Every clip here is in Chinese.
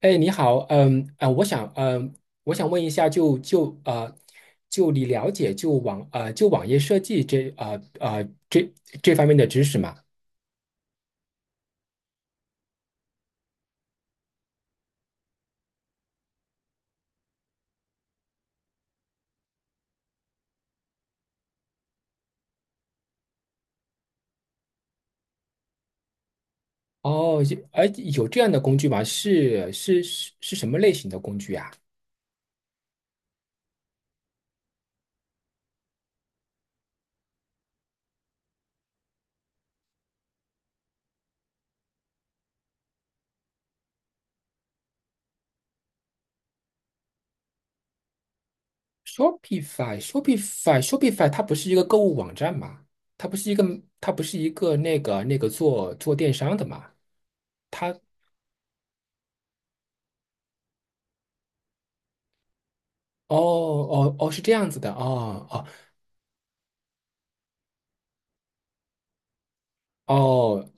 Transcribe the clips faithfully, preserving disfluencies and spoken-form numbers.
哎，你好，嗯，啊、我想，嗯、我想问一下就，就呃，就你了解就网呃就网页设计这啊啊，这这方面的知识吗？哦，有哎，有这样的工具吗？是是是是什么类型的工具啊？Shopify Shopify Shopify 它不是一个购物网站吗？它不是一个它不是一个那个那个做做电商的吗？它哦哦哦是这样子的哦哦。哦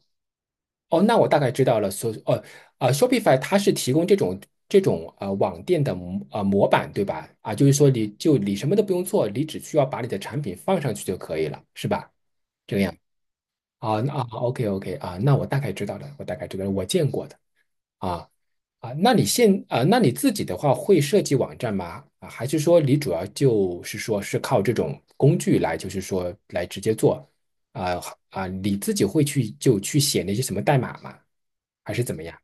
哦，那我大概知道了。所呃呃，Shopify 它是提供这种这种呃网店的模呃模板，对吧？啊，就是说你就你什么都不用做，你只需要把你的产品放上去就可以了，是吧？这个样啊那啊，OK OK 啊，那我大概知道了，我大概知道了，我见过的。啊啊，那你现啊，那你自己的话会设计网站吗？啊，还是说你主要就是说是靠这种工具来，就是说来直接做。啊啊，你自己会去就去写那些什么代码吗？还是怎么样？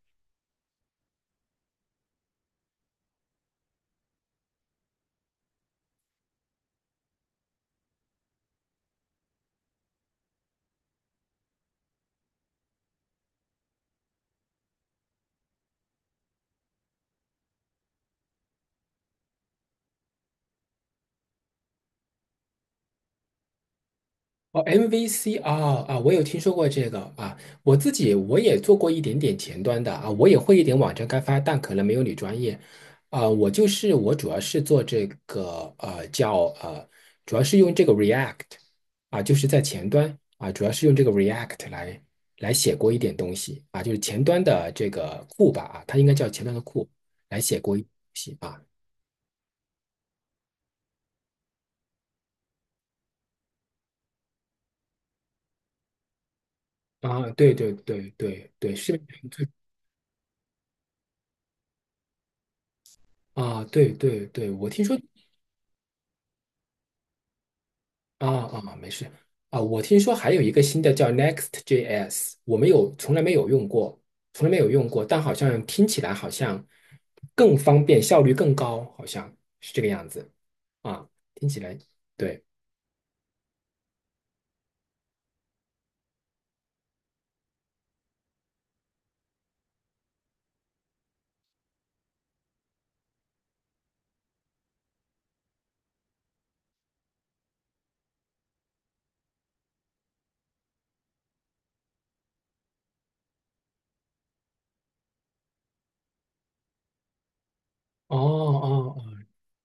哦，M V C 啊，啊，我有听说过这个啊，我自己我也做过一点点前端的啊，我也会一点网站开发，但可能没有你专业啊。我就是我主要是做这个呃叫呃，主要是用这个 React 啊，就是在前端啊，主要是用这个 React 来来写过一点东西啊，就是前端的这个库吧啊，它应该叫前端的库，来写过一些东西啊。啊，对对对对对，是啊，对对对，我听说。啊啊，啊没事啊。我听说还有一个新的叫 Next.js,我没有，从来没有用过，从来没有用过，但好像听起来好像更方便，效率更高，好像是这个样子啊。听起来对，哦哦哦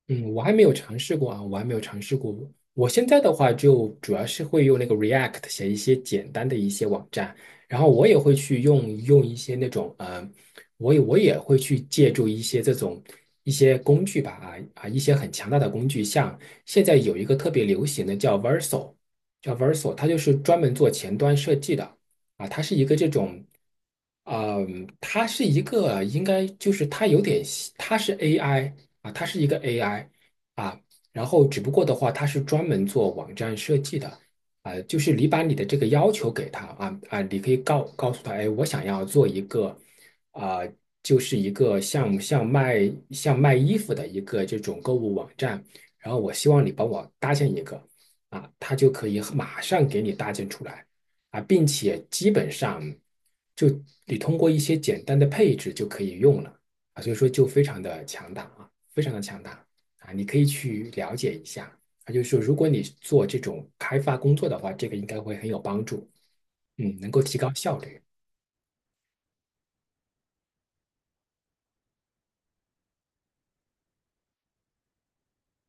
嗯，我还没有尝试过啊，我还没有尝试过。我现在的话，就主要是会用那个 React 写一些简单的一些网站，然后我也会去用用一些那种呃，我也我也会去借助一些这种一些工具吧啊，啊一些很强大的工具，像现在有一个特别流行的叫 Verso,叫 Verso,它就是专门做前端设计的啊，它是一个这种。嗯，它是一个，应该就是它有点像，它是 A I啊，它是一个 A I 啊，然后只不过的话，它是专门做网站设计的啊，就是你把你的这个要求给他，啊啊，你可以告告诉他，哎，我想要做一个啊，就是一个像像卖像卖衣服的一个这种购物网站，然后我希望你帮我搭建一个啊，他就可以马上给你搭建出来啊，并且基本上，就你通过一些简单的配置就可以用了。啊，所以说就非常的强大啊，非常的强大啊，你可以去了解一下啊，就是说如果你做这种开发工作的话，这个应该会很有帮助，嗯，能够提高效率。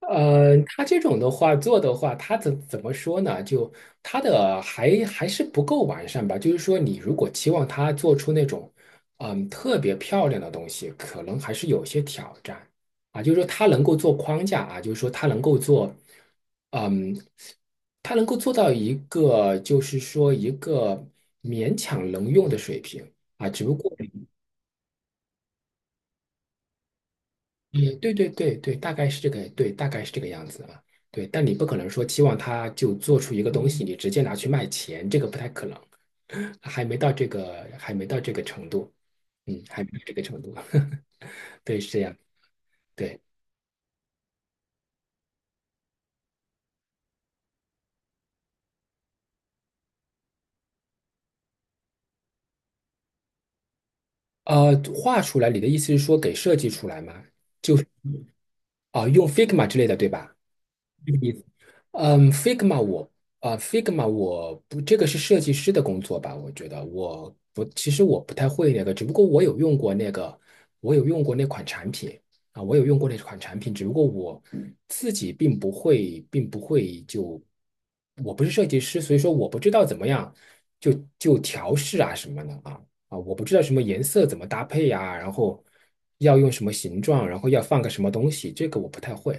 呃，他这种的话做的话，他怎怎么说呢？就他的还还是不够完善吧。就是说，你如果期望他做出那种嗯特别漂亮的东西，可能还是有些挑战啊。就是说，他能够做框架啊，就是说他能够做，嗯，他能够做到一个就是说一个勉强能用的水平啊。只不过。也，对对对对，大概是这个，对，大概是这个样子啊。对，但你不可能说期望他就做出一个东西，你直接拿去卖钱，这个不太可能，还没到这个，还没到这个程度，嗯，还没到这个程度。对，是这样。对，呃，画出来，你的意思是说给设计出来吗？就是啊、用 Figma 之类的，对吧？这个意思。嗯，Figma 我啊，Figma 我不，这个是设计师的工作吧？我觉得我不，其实我不太会那个，只不过我有用过那个，我有用过那款产品啊，我有用过那款产品，只不过我自己并不会，并不会就，我不是设计师，所以说我不知道怎么样，就就调试啊什么的啊，啊，我不知道什么颜色怎么搭配呀、然后要用什么形状，然后要放个什么东西，这个我不太会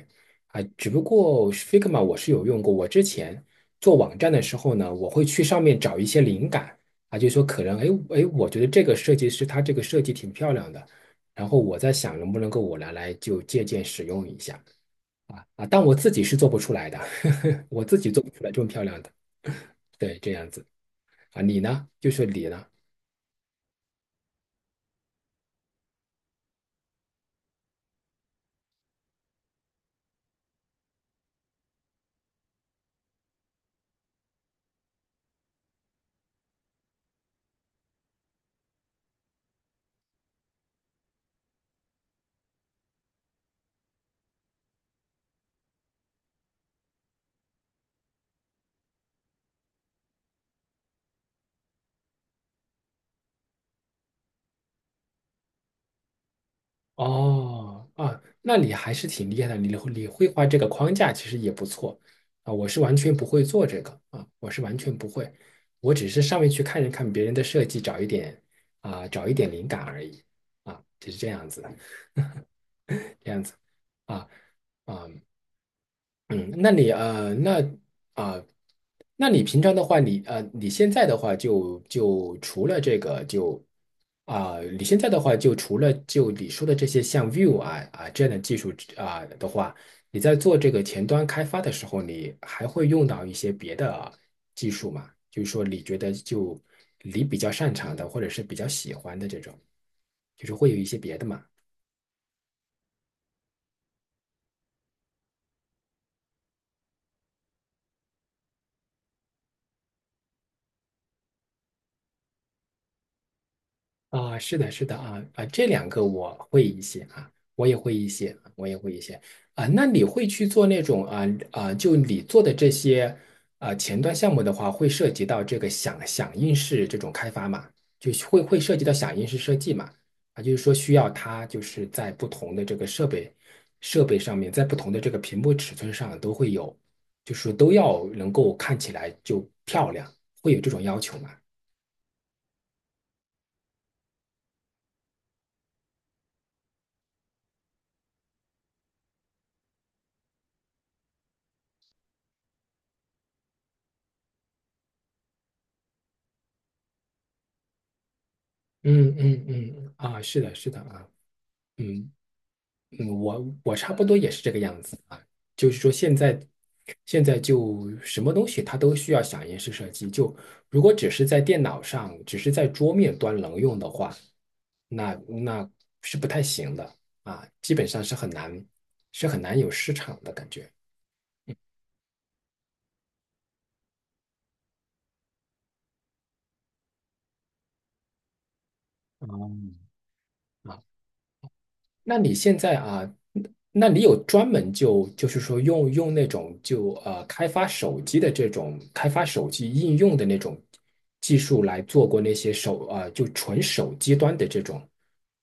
啊，只不过 Figma 我是有用过，我之前做网站的时候呢，我会去上面找一些灵感啊，就说可能，哎哎，我觉得这个设计师他这个设计挺漂亮的，然后我在想能不能够我拿来就借鉴使用一下啊，啊，但我自己是做不出来的，我自己做不出来这么漂亮的，对，这样子啊，你呢？就是你呢？哦，啊，那你还是挺厉害的，你会你会画这个框架，其实也不错啊。我是完全不会做这个啊，我是完全不会，我只是上面去看一看别人的设计，找一点啊，找一点灵感而已啊，就是这样子的，这样子啊啊嗯，那你呃，那啊、那你平常的话，你呃，你现在的话就，就除了这个就啊、你现在的话就除了就你说的这些像 Vue 啊啊这样的技术啊、的话，你在做这个前端开发的时候，你还会用到一些别的技术吗？就是说，你觉得就你比较擅长的，或者是比较喜欢的这种，就是会有一些别的吗？啊，是的，是的啊，啊，这两个我会一些啊，我也会一些，我也会一些啊。那你会去做那种啊啊，就你做的这些啊前端项目的话，会涉及到这个响响应式这种开发嘛？就是会会涉及到响应式设计嘛？啊，就是说需要它就是在不同的这个设备设备上面，在不同的这个屏幕尺寸上都会有，就是都要能够看起来就漂亮，会有这种要求嘛？嗯嗯嗯，嗯啊，是的，是的啊。嗯嗯，我我差不多也是这个样子啊，就是说现在现在就什么东西它都需要响应式设计，就如果只是在电脑上，只是在桌面端能用的话，那那是不太行的啊，基本上是很难，是很难有市场的感觉。那你现在啊，那你有专门就就是说用用那种就呃开发手机的这种开发手机应用的那种技术来做过那些手呃就纯手机端的这种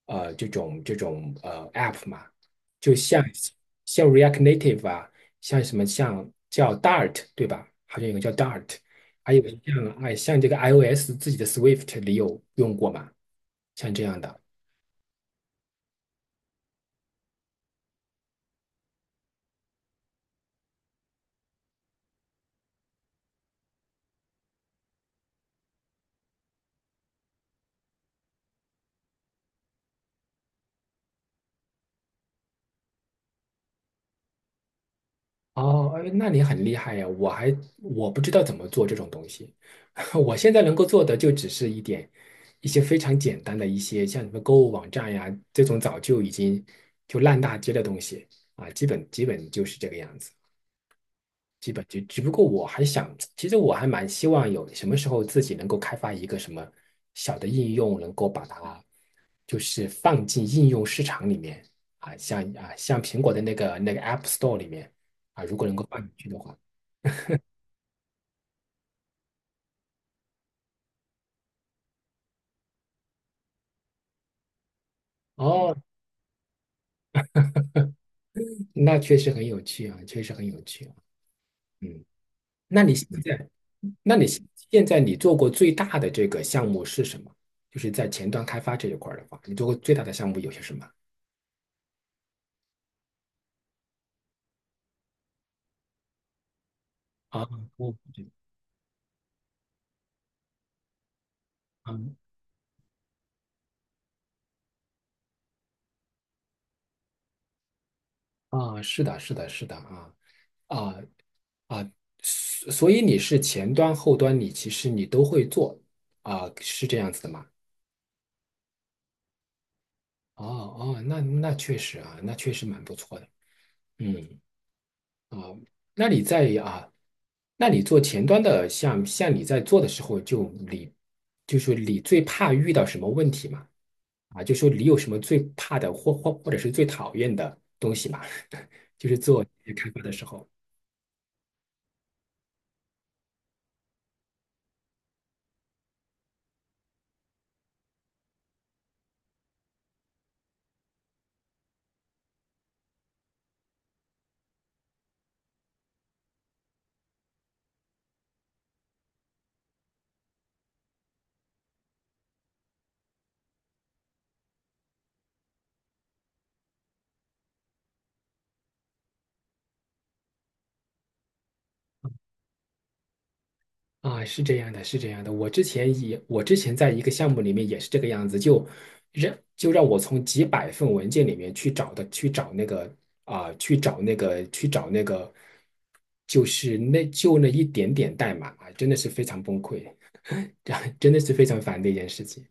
呃这种这种呃 App 嘛？就像像 React Native 啊，像什么像叫 Dart 对吧？好像有个叫 Dart,还有像哎像这个 iOS 自己的 Swift 你有用过吗？像这样的。哦，哎那你很厉害呀！我还我不知道怎么做这种东西，我现在能够做的就只是一点一些非常简单的一些像什么购物网站呀这种早就已经就烂大街的东西啊，基本基本就是这个样子，基本就只不过我还想，其实我还蛮希望有什么时候自己能够开发一个什么小的应用，能够把它就是放进应用市场里面啊，像啊像苹果的那个那个 App Store 里面啊，如果能够放进去的话。哦，那确实很有趣啊，确实很有趣啊。嗯，那你现在，那你现现在你做过最大的这个项目是什么？就是在前端开发这一块儿的话，你做过最大的项目有些什么？啊，我啊啊，是的，是的，是的啊，啊啊，所所以你是前端后端，你其实你都会做啊，是这样子的吗？哦哦，那那确实啊，那确实蛮不错的。嗯啊，那你在啊，那你做前端的，像像你在做的时候，就你就是你最怕遇到什么问题嘛？啊，就说你有什么最怕的或或或者是最讨厌的东西嘛？就是做开发的时候。啊，是这样的，是这样的。我之前也，我之前在一个项目里面也是这个样子，就让就让我从几百份文件里面去找的，去找那个啊、去找那个，去找那个，就是那就那一点点代码啊，真的是非常崩溃，这样真的是非常烦的一件事情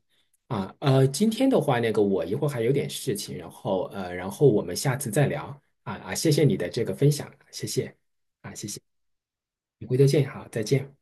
啊。呃，今天的话，那个我一会儿还有点事情，然后呃，然后我们下次再聊啊，啊，谢谢你的这个分享，谢谢，你回头见，好，再见。